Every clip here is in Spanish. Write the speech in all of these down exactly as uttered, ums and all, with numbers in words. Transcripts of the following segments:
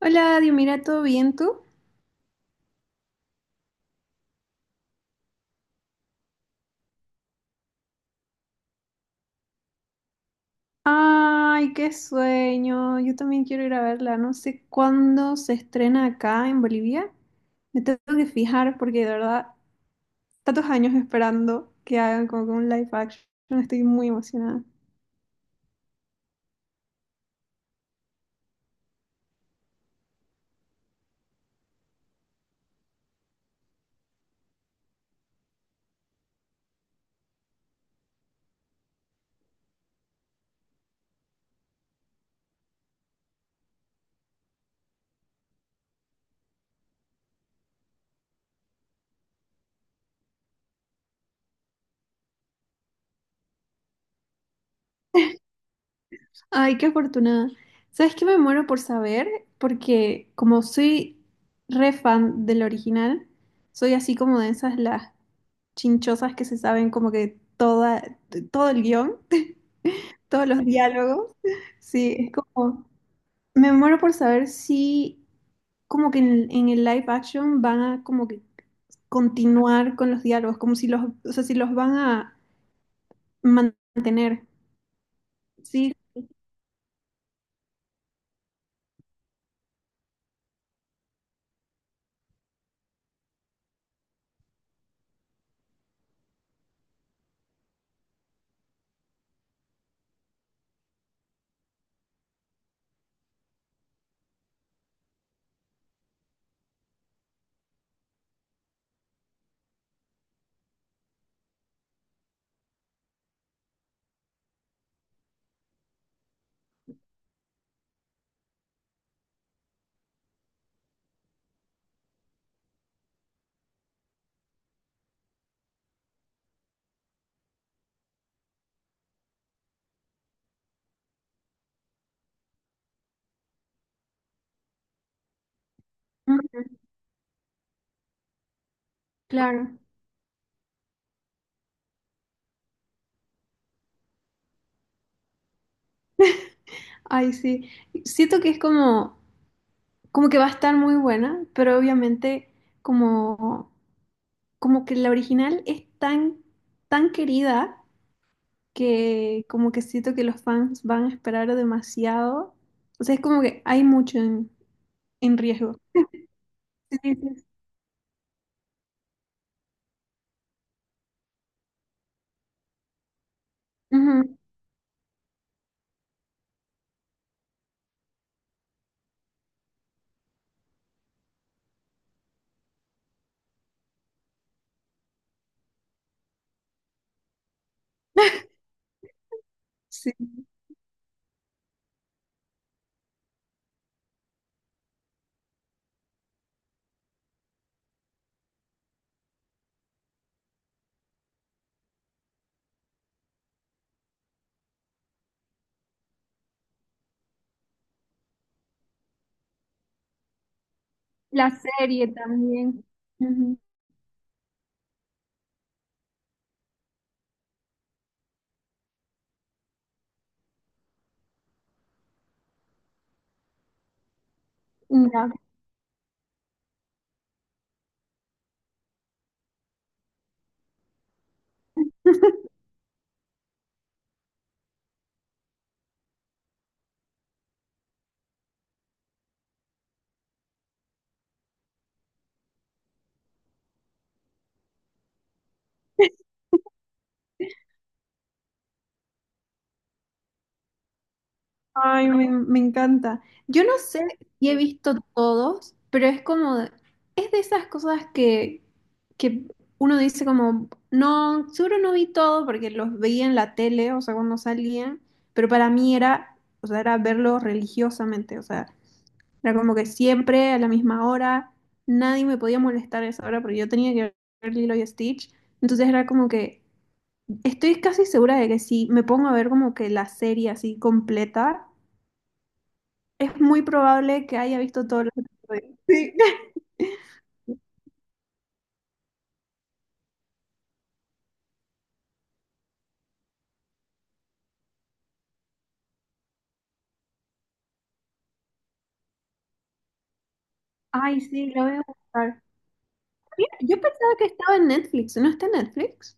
Hola, Dios, mira, ¿todo bien tú? Ay, qué sueño. Yo también quiero ir a verla. No sé cuándo se estrena acá en Bolivia. Me tengo que fijar porque de verdad, tantos años esperando que hagan como que un live action. Estoy muy emocionada. Ay, qué afortunada. ¿Sabes qué me muero por saber? Porque como soy re fan del original, soy así como de esas las chinchosas que se saben como que toda, todo el guión. Todos los diálogos. Sí, es como, me muero por saber si como que en el, en el live action van a como que continuar con los diálogos, como si los, o sea, si los van a mantener. Sí, mm, claro. Ay, sí. Siento que es como, como que va a estar muy buena, pero obviamente como, como que la original es tan, tan querida que como que siento que los fans van a esperar demasiado. O sea, es como que hay mucho en, en riesgo. Sí, sí, sí. Ujú, sí. La serie también. Ujú, ya. Ay, me, me encanta. Yo no sé si he visto todos, pero es como, es de esas cosas que, que uno dice como, no, seguro no vi todo porque los veía en la tele, o sea, cuando salían, pero para mí era, o sea, era verlo religiosamente, o sea, era como que siempre a la misma hora, nadie me podía molestar a esa hora porque yo tenía que ver Lilo y Stitch, entonces era como que, estoy casi segura de que si me pongo a ver como que la serie así completa, es muy probable que haya visto todos los episodios. Sí. Ay, sí, lo voy a buscar. Mira, yo pensaba que estaba en Netflix, ¿no está en Netflix?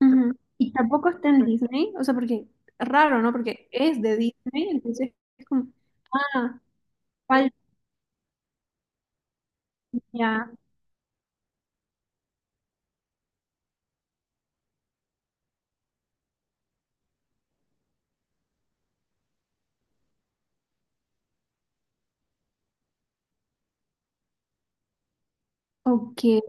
Ujú. Y tampoco está en Disney, o sea, porque raro, ¿no? Porque es de Disney, entonces es como, ah, falta ya, ok.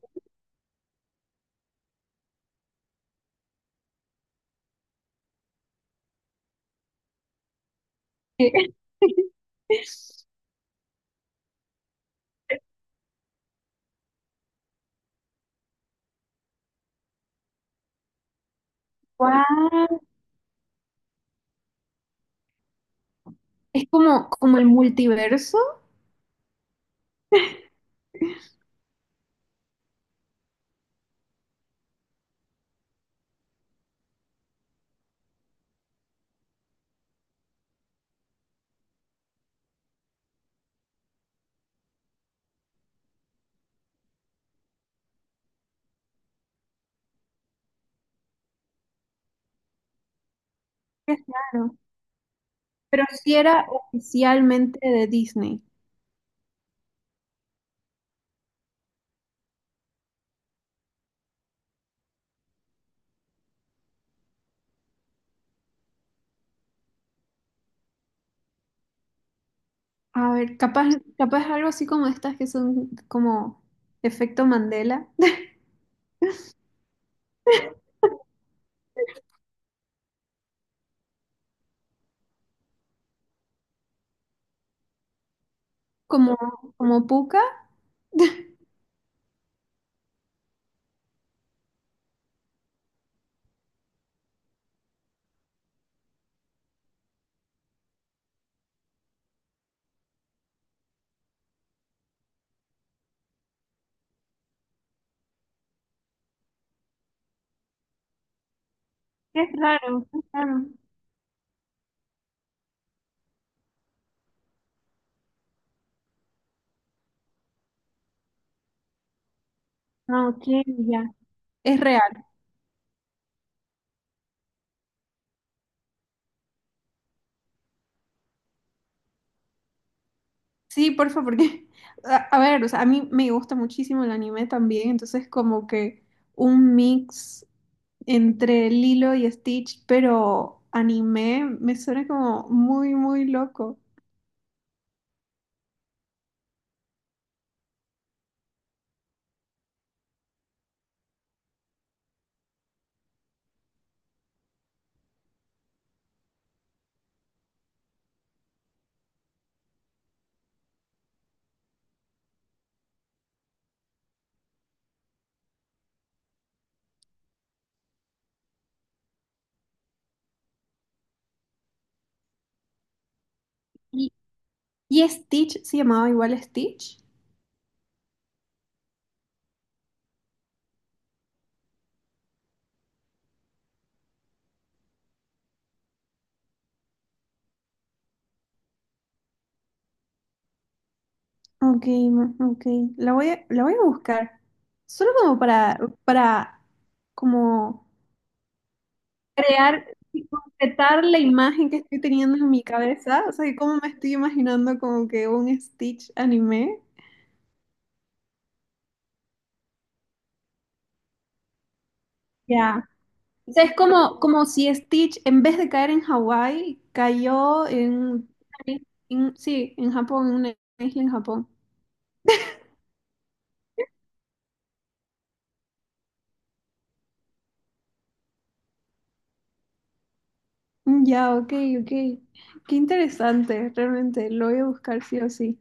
Guau, es como, como el multiverso, qué raro. Pero sí era oficialmente de Disney. A ver, capaz, capaz algo así como estas que son como efecto Mandela, como, como Pucca. Es raro, es raro. No, ok, ya. Es real. Sí, porfa, porque, a, a ver, o sea, a mí me gusta muchísimo el anime también, entonces como que un mix entre Lilo y Stitch, pero anime me suena como muy, muy loco. ¿Y, y Stitch se llamaba igual Stitch? Ok, ma- ok. La voy a, la voy a buscar. Solo como para, para como crear y completar la imagen que estoy teniendo en mi cabeza. O sea, que como me estoy imaginando como que un Stitch anime. Ya. O sea, es como, como si Stitch, en vez de caer en Hawái, cayó en, en- sí, en Japón, en una isla en Japón. Ya, ok, ok. Qué interesante, realmente. Lo voy a buscar sí o sí.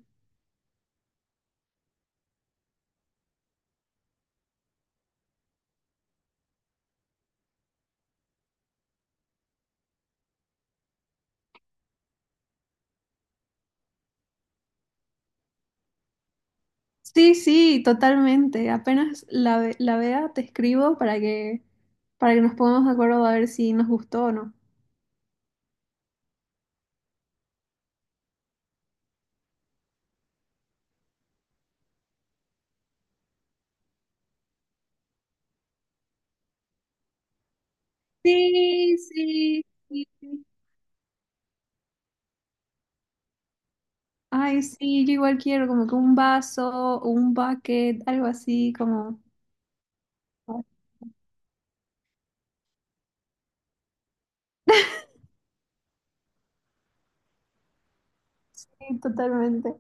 Sí, sí, totalmente. Apenas la, ve- la vea, te escribo para que, para que nos pongamos de acuerdo a ver si nos gustó o no. Sí, sí, sí. Sí. Ay, sí, yo igual quiero como que un vaso, un bucket, algo así, como... Sí, totalmente.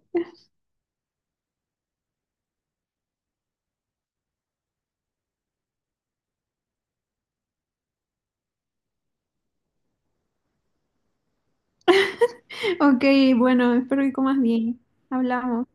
Ok, bueno, espero que comas bien. Hablamos.